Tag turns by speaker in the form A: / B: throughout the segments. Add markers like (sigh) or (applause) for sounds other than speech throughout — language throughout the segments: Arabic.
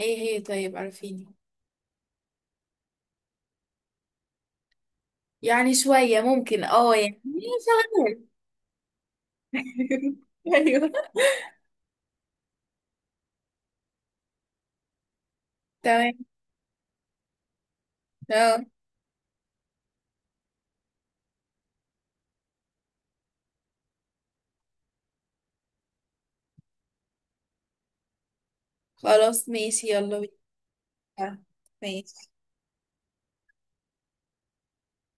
A: ايه هي؟ طيب، عارفيني. يعني شوية ممكن، يعني. شغال. (laughs) ايوه، تمام. اه خلاص، ماشي، يلا بينا. آه، ماشي.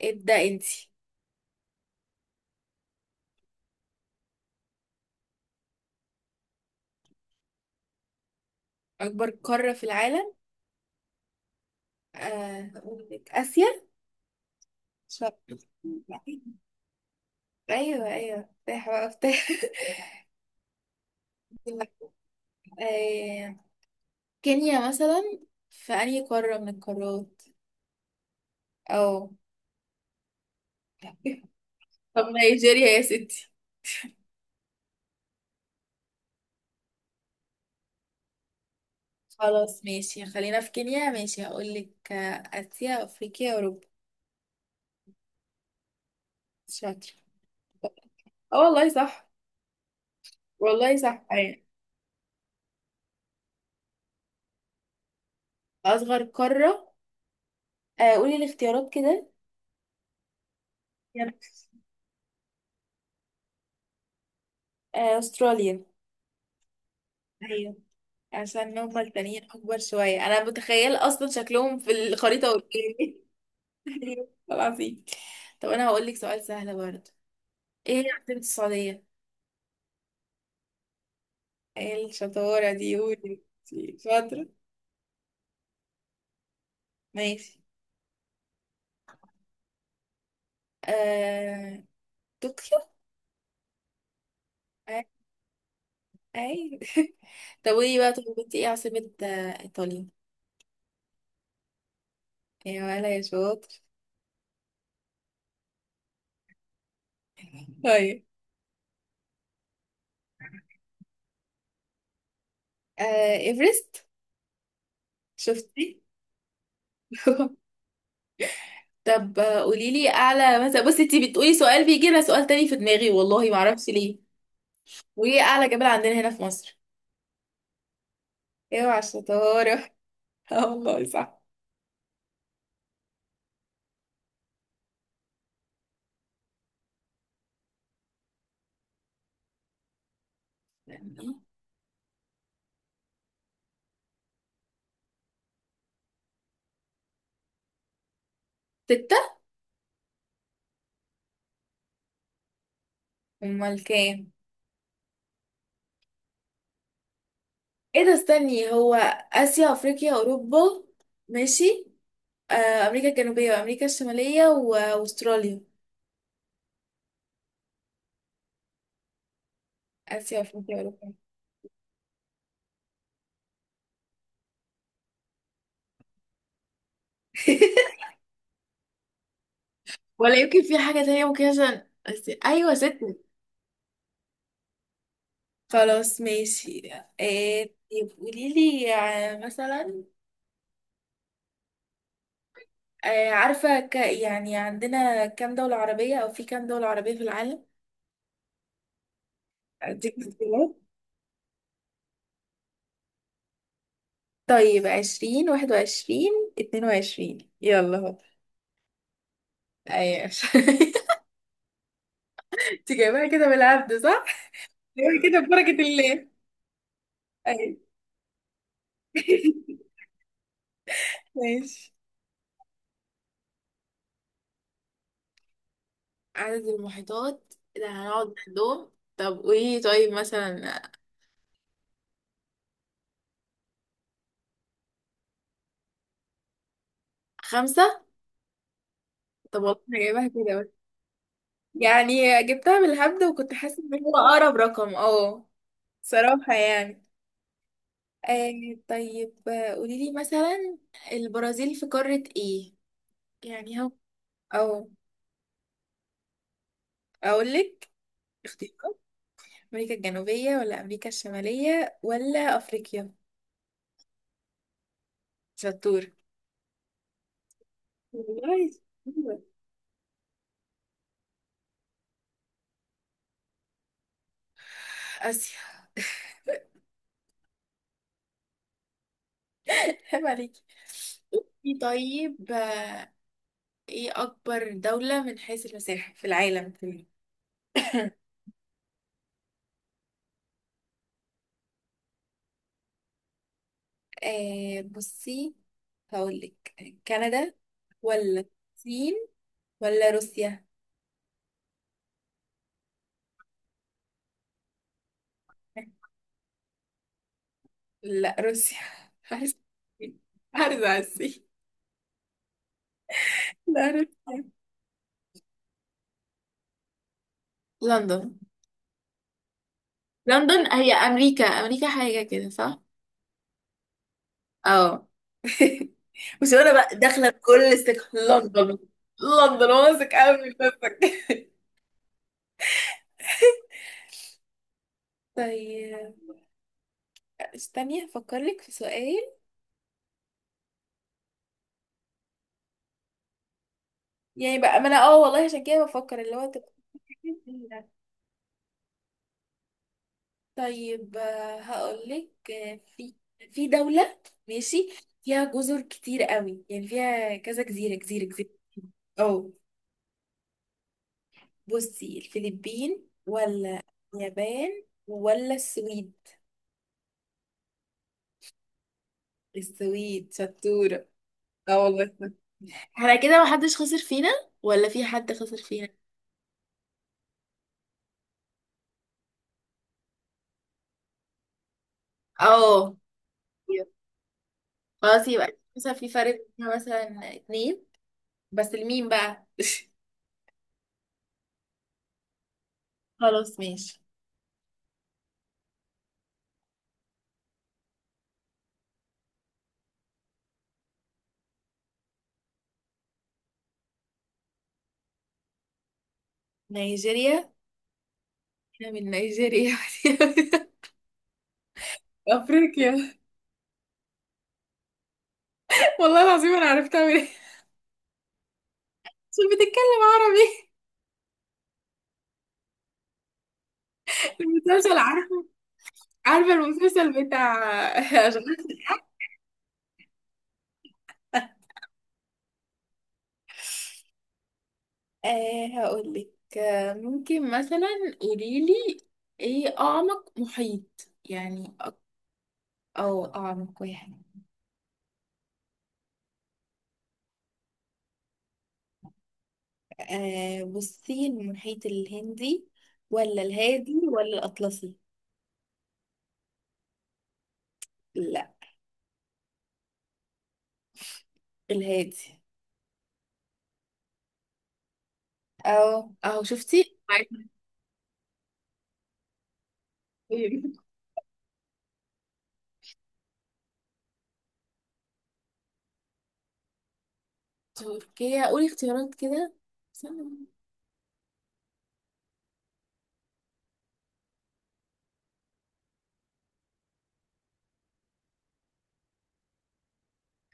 A: ابدأ انتي. اكبر قارة في العالم، هقول لك اسيا. شرق. ايوه، ايوه. افتح بقى، افتح. آه، كينيا مثلا، في انهي قارة من القارات؟ او. طب نيجيريا يا ستي. خلاص، ماشي، خلينا في كينيا. ماشي، هقولك آسيا، أفريقيا، أوروبا. شاطر. اه والله صح. والله صح. أيوة. أصغر قارة. قولي الاختيارات كده. يلا. أستراليا. ايوه، عشان هما التانيين أكبر شوية. أنا متخيل أصلا شكلهم في الخريطة قدامي. (laughs) أيوة العظيم. طب أنا هقولك سؤال سهل برضه. إيه هي عاصمة السعودية؟ إيه الشطارة دي؟ قولي. شاطرة. ماشي. آه... طوكيو. آه، أي. (laughs) طب قولي بقى، طب كنت ايه عاصمة ايطاليا؟ يا ولا يا شاطر. طيب، ايفرست. شفتي. (laughs) طب قوليلي اعلى مثلا. بصي، انتي بتقولي سؤال، بيجي لنا سؤال تاني في دماغي والله ما اعرفش ليه. وايه اعلى جبل عندنا هنا في مصر؟ اوعى الشطارة! (laughs) اه والله صح. ستة. امال كام؟ ايه ده، استني هو، اسيا افريقيا اوروبا، ماشي، امريكا الجنوبية وامريكا الشمالية واستراليا. اسيا افريقيا اوروبا. (laughs) ولا يمكن في حاجة تانية ممكن، عشان أيوة، ست. خلاص، ماشي. طيب قولي لي مثلا، عارفة يعني عندنا كام دولة عربية، أو في كام دولة عربية في العالم؟ أديك اختيارات. طيب 20، 21، 22، يلا هو. أيوة. (laughs) انت جايبها كده بالعبد صح؟ جايبها كده ببركة الله. أيوة. (laughs) ماشي. عدد المحيطات اللي هنقعد نحدهم. طب قولي لي، طيب مثلا، خمسة. طب والله انا جايبها كده بس. يعني جبتها بالهبد وكنت حاسة ان هو اقرب رقم، اه. صراحة يعني. طيب قولي لي مثلا، البرازيل في قارة ايه؟ يعني هو، او. اقول لك اختيارات. امريكا الجنوبية، ولا امريكا الشمالية، ولا افريقيا؟ شطور. والله شطورة. اسيا. (laughs) عيب عليكي. قولي. طيب ايه اكبر دولة من حيث المساحة في العالم كله؟ بصي. هقولك كندا، ولا الصين، ولا روسيا. لا، روسيا. (laughs) هحس- هرزع على الصين. لا، روسيا. لندن. لندن هي امريكا، امريكا حاجه كده صح؟ اه. (laughs) مش انا بقى داخله بكل استك، لندن. لندن واثق قوي من نفسك. (laughs) طيب، استني هفكر لك في سؤال. يعني بقى ما انا، اه والله عشان كده بفكر اللي هو تبقى. طيب، هقول لك. في في دولة. ماشي. فيها جزر كتير قوي يعني، فيها كذا جزيرة جزيرة جزيرة. اه. بصي، الفلبين، ولا اليابان، ولا السويد؟ السويد. شطورة. اه والله. احنا كده محدش خسر فينا، ولا في حد خسر فينا. اه. خلاص، يبقى مثلا في فرق بينا مثلا اتنين. بس لمين بقى؟ (laughs) خلاص، ماشي. نيجيريا، احنا من نيجيريا. (laughs) افريقيا. (laughs) والله العظيم انا عرفت اعمل ايه، عشان بتتكلم عربي. (laughs) المسلسل، عارفه؟ عارفه المسلسل بتاع. (laughs) اشغال شقة؟ هقول لك. ممكن مثلا، قولي لي ايه اعمق محيط يعني او اعمق واحد. بصي، المحيط الهندي، ولا الهادي، ولا الاطلسي؟ لا، الهادي. او اهو، شفتي عارفة. (laughs) تركيا، قولي اختيارات كده، استنى.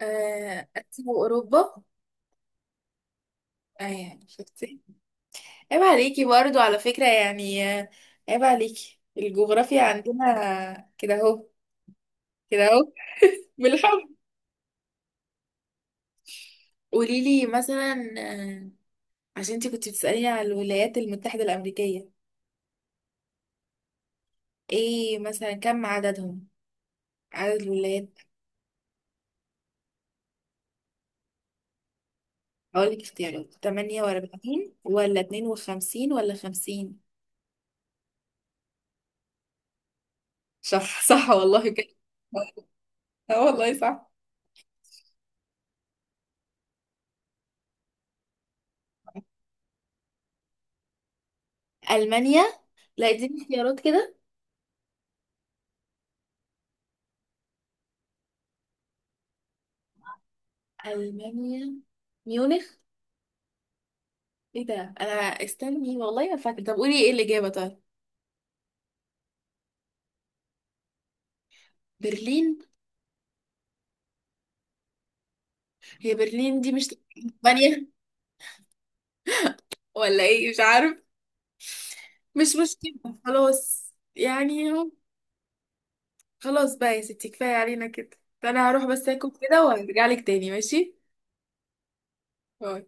A: اسيا واوروبا. اه يعني، شفتي. عيب عليكي برضو على فكرة يعني. عيب عليكي الجغرافيا. عندنا كده اهو، كده اهو. (laughs) بالحب. قولي لي مثلا. عشان انتي كنتي بتسأليني على الولايات المتحدة الأمريكية، ايه مثلا كم عددهم؟ عدد الولايات. هقول لك اختيارات، 48 ولا 52 ولا 50. صح، صح والله كده. (laughs) اه والله صح. ألمانيا. لا، اديني اختيارات كده. ألمانيا، ميونخ. ايه ده؟ انا استني والله ما فاكره. طب قولي ايه الاجابه طيب. برلين. هي برلين دي مش اسبانيا ولا ايه؟ مش عارف. مش مشكله خلاص يعني اهو. خلاص بقى يا ستي، كفايه علينا كده، فانا هروح بس اكل كده وهرجع لك تاني ماشي. باي.